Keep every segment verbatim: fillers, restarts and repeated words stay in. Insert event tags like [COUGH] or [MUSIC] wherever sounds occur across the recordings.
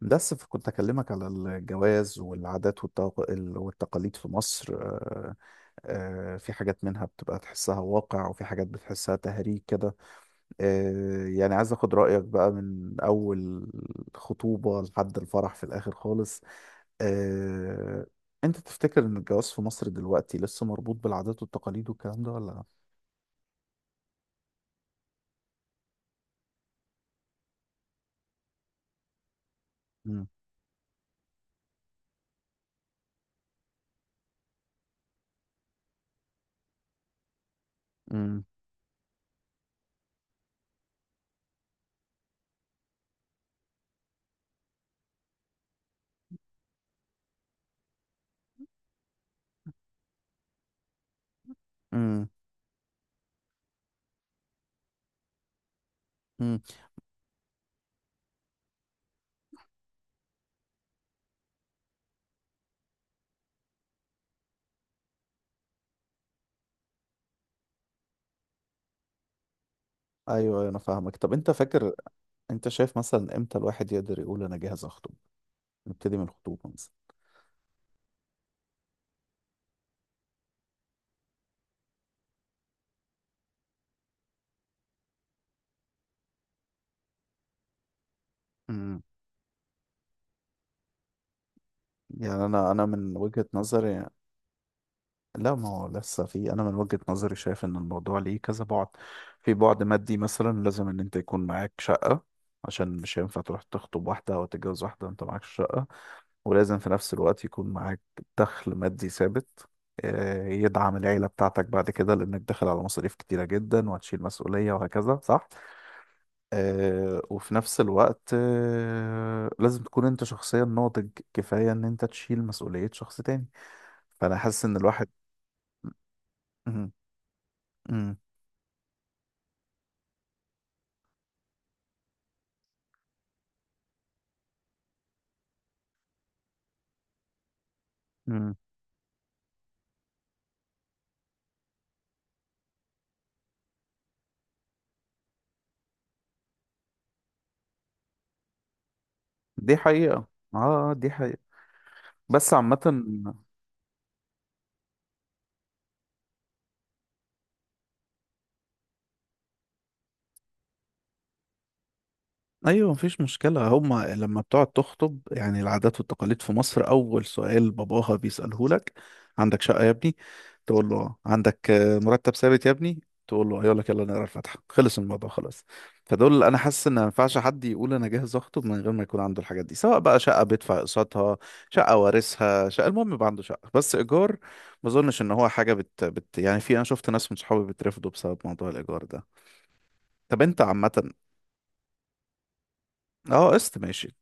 بس كنت أكلمك على الجواز والعادات والتق- ال- والتقاليد في مصر. آه، آه، في حاجات منها بتبقى تحسها واقع وفي حاجات بتحسها تهريج كده. آه، يعني عايز أخد رأيك بقى من أول خطوبة لحد الفرح في الآخر خالص. آه، أنت تفتكر إن الجواز في مصر دلوقتي لسه مربوط بالعادات والتقاليد والكلام ده ولا لأ؟ مم. مم. مم. مم. أيوه أيوة، أنا فاهمك. طب أنت فاكر؟ أنت شايف مثلا إمتى الواحد يقدر يقول أنا جاهز أخطب؟ نبتدي من الخطوبة مثلا. امم. يعني أنا أنا من وجهة نظري، لا ما هو لسه في، أنا من وجهة نظري شايف إن الموضوع ليه كذا بعد. في بعد مادي مثلا، لازم إن أنت يكون معاك شقة، عشان مش هينفع تروح تخطب واحدة أو تتجوز واحدة وأنت معاك شقة. ولازم في نفس الوقت يكون معاك دخل مادي ثابت، آه، يدعم العيلة بتاعتك بعد كده، لأنك داخل على مصاريف كتيرة جدا وهتشيل مسؤولية وهكذا، صح؟ آه وفي نفس الوقت آه لازم تكون انت شخصيا ناضج كفاية ان انت تشيل مسؤولية شخص تاني. فانا حاسس ان الواحد. مم، مم، مم. دي حقيقة. اه دي حقيقة، بس عامة. ايوه مفيش مشكله، هما لما بتقعد تخطب يعني العادات والتقاليد في مصر اول سؤال باباها بيساله لك: عندك شقه يا ابني؟ تقول له آه. عندك آه، مرتب ثابت يا ابني؟ تقول له آه. يقول لك يلا نقرا الفاتحه، خلص الموضوع خلاص. فدول انا حاسس ان ما ينفعش حد يقول انا جاهز اخطب من غير ما يكون عنده الحاجات دي، سواء بقى شقه بيدفع اقساطها، شقه وارثها، شقه، المهم يبقى عنده شقه بس ايجار. ما اظنش ان هو حاجه بت, بت يعني، في، انا شفت ناس من صحابي بترفضوا بسبب موضوع الايجار ده. طب انت عامه. اه قسط ماشي.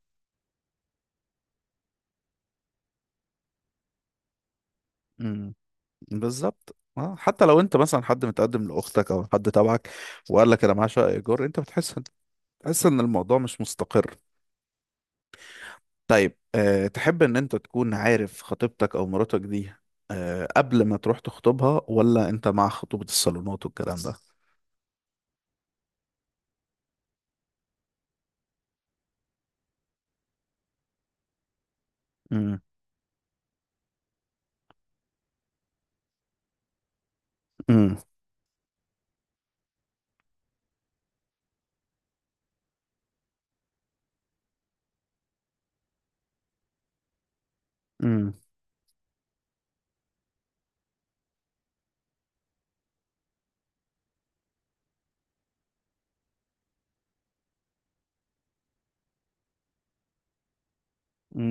مم. بالظبط، اه حتى لو انت مثلا حد متقدم لاختك او حد تبعك وقال لك انا معايا شقه ايجار، انت بتحس بتحس ان الموضوع مش مستقر. طيب، أه تحب ان انت تكون عارف خطيبتك او مراتك دي أه قبل ما تروح تخطبها، ولا انت مع خطوبه الصالونات والكلام ده؟ امم. امم. امم.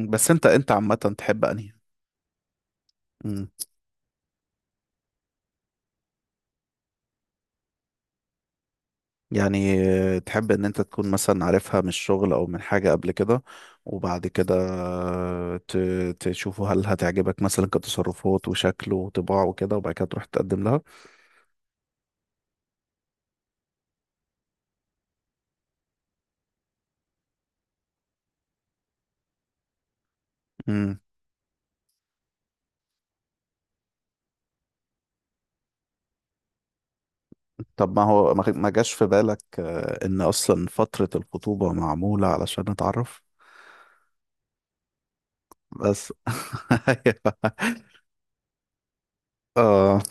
بس انت انت عامه تحب انهي يعني، آه، تحب ان انت تكون مثلا عارفها من الشغل او من حاجة قبل كده، وبعد كده آه، ت- تشوفوا هل هتعجبك مثلا كتصرفات وشكل وطباع وكده وبعد كده تروح تقدم لها. مم. طب ما هو ما ما جاش في بالك آه، ان اصلا فترة الخطوبة معمولة علشان نتعرف. بس [LAUGHS] ايوه. اه.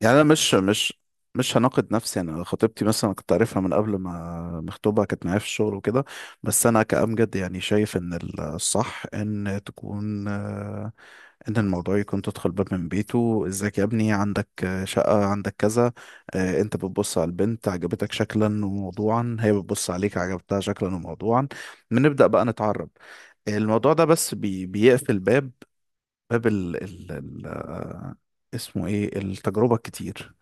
يعني انا مش مش مش هناقض نفسي يعني، أنا خطيبتي مثلا كنت عارفها من قبل ما مخطوبه، كانت معايا في الشغل وكده. بس انا كأمجد يعني شايف ان الصح ان تكون، آه، ان الموضوع يكون تدخل باب من بيته، ازيك يا ابني؟ عندك آه، شقه؟ عندك كذا؟ آه، انت بتبص على البنت عجبتك شكلا وموضوعا، هي بتبص عليك عجبتها شكلا وموضوعا، بنبدأ بقى نتعرف. الموضوع ده بس بي بيقفل باب، باب ال ال ال آه، اسمه ايه التجربه الكتير،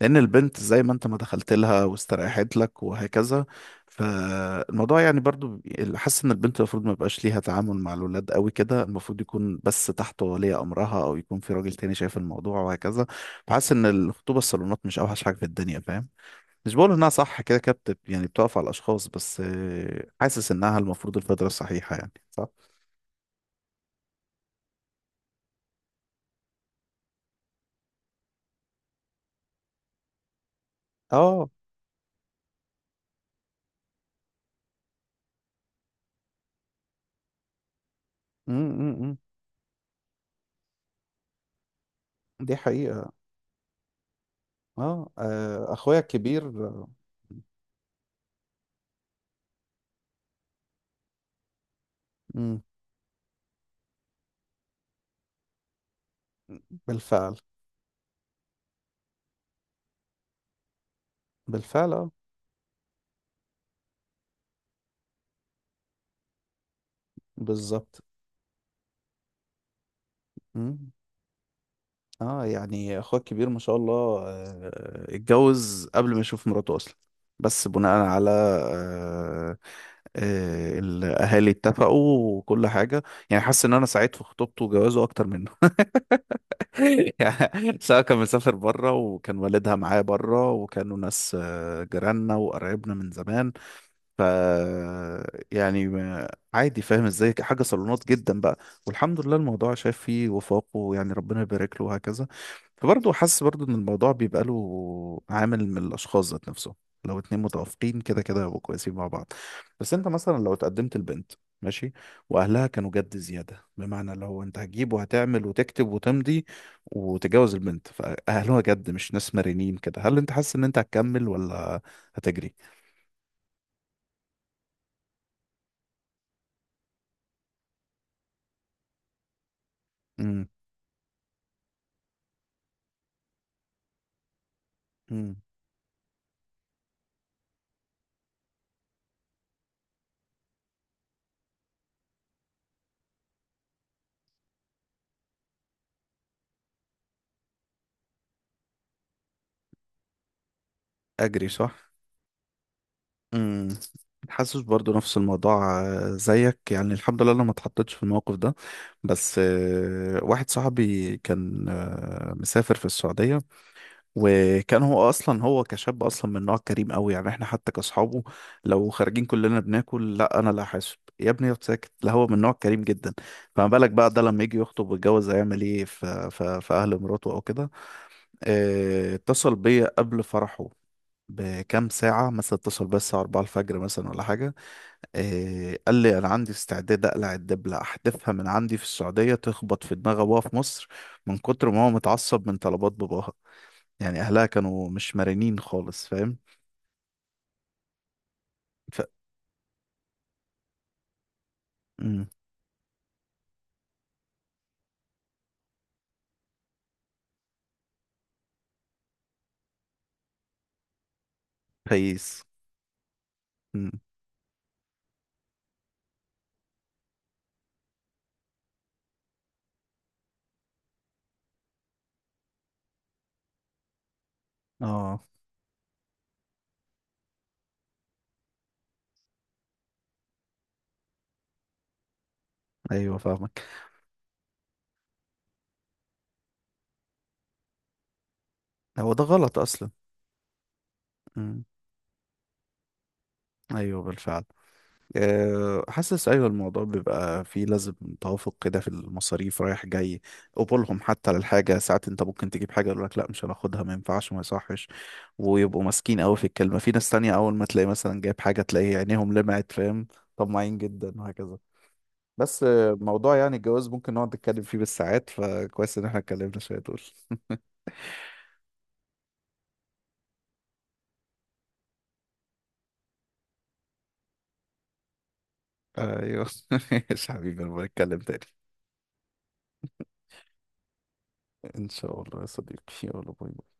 لأن البنت زي ما أنت ما دخلت لها واستريحت لك وهكذا. فالموضوع يعني برضو، حاسس إن البنت المفروض ما يبقاش ليها تعامل مع الولاد قوي كده، المفروض يكون بس تحت ولي أمرها أو يكون في راجل تاني شايف الموضوع وهكذا. فحاسس إن الخطوبة الصالونات مش أوحش حاجة في الدنيا، فاهم؟ مش بقول إنها صح كده كده، بت- يعني بتقف على الأشخاص بس، آه، حاسس إنها المفروض الفترة الصحيحة يعني، صح؟ اه. امم. دي حقيقة. اه. آه، اخويا الكبير. آه، مم. بالفعل. بالفعل. بالظبط. مم. اه يعني اخوك الكبير ما شاء الله، آه، اتجوز قبل ما يشوف مراته اصلا، بس بناء على آه، آه، الاهالي اتفقوا وكل حاجه. يعني حاسس ان انا سعيد في خطوبته وجوازه اكتر منه. [LAUGHS] يعني سواء كان مسافر بره وكان والدها معايا بره وكانوا ناس آه، جيراننا وقرايبنا من زمان. ف يعني ما- عادي، فاهم ازاي، حاجه صالونات جدا بقى. والحمد لله الموضوع شاف فيه وفاقه ويعني ربنا يبارك له وهكذا. فبرضه حاسس برضه ان الموضوع بيبقى له عامل من الاشخاص ذات نفسهم. لو اتنين متوافقين كده كده هيبقوا كويسين مع بعض. بس انت مثلا لو اتقدمت لبنت ماشي، واهلها كانوا جد زياده، بمعنى اللي هو انت هتجيب وهتعمل وتكتب وتمضي وتتجوز البنت، فاهلها جد مش ناس مرنين كده، هل انت حاسس ان انت هتكمل ولا هتجري؟ امم. امم. اجري صح. امم. حاسس برضو نفس الموضوع، آه، زيك يعني الحمد لله انا ما اتحطيتش في الموقف ده. بس آه، واحد صاحبي كان آه، مسافر في السعودية، وكان هو اصلا، هو كشاب اصلا من نوع كريم قوي يعني، احنا حتى كاصحابه لو خارجين كلنا بناكل، لا انا، لا حاسب يا ابني اقعد ساكت، لا هو من نوع كريم جدا. فما بالك بقى ده لما يجي يخطب ويتجوز هيعمل ايه في في في اهل مراته او كده. آه، اتصل بيا قبل فرحه بكام ساعة مثلا، اتصل بس الساعة أربعة الفجر مثلا ولا حاجة. آه قال لي أنا عندي استعداد أقلع الدبلة أحدفها من عندي في السعودية تخبط في دماغ أبوها في مصر، من كتر ما هو متعصب من طلبات باباها. يعني أهلها كانوا مش مرنين خالص، فاهم؟ ف... مم. فايس. مم. اه. أيوه فاهمك. هو ده غلط أصلا. مم. أيوه بالفعل. آه، حاسس ايوه الموضوع بيبقى فيه لازم توافق كده في المصاريف رايح جاي، قبولهم حتى للحاجه، ساعات انت ممكن تجيب حاجه يقول لك لا مش هناخدها ما ينفعش وما يصحش، ويبقوا ماسكين قوي في الكلمه. في ناس تانية اول ما تلاقي مثلا جايب حاجه تلاقي عينيهم لمعت، فاهم؟ طماعين جدا وهكذا. بس آه، موضوع يعني الجواز ممكن نقعد نتكلم فيه بالساعات، فكويس ان احنا اتكلمنا شويه دول. ايوه. [LAUGHS] ماشي يا حبيبي انا بتكلم تاني. ان شاء الله يا صديقي، يلا باي باي.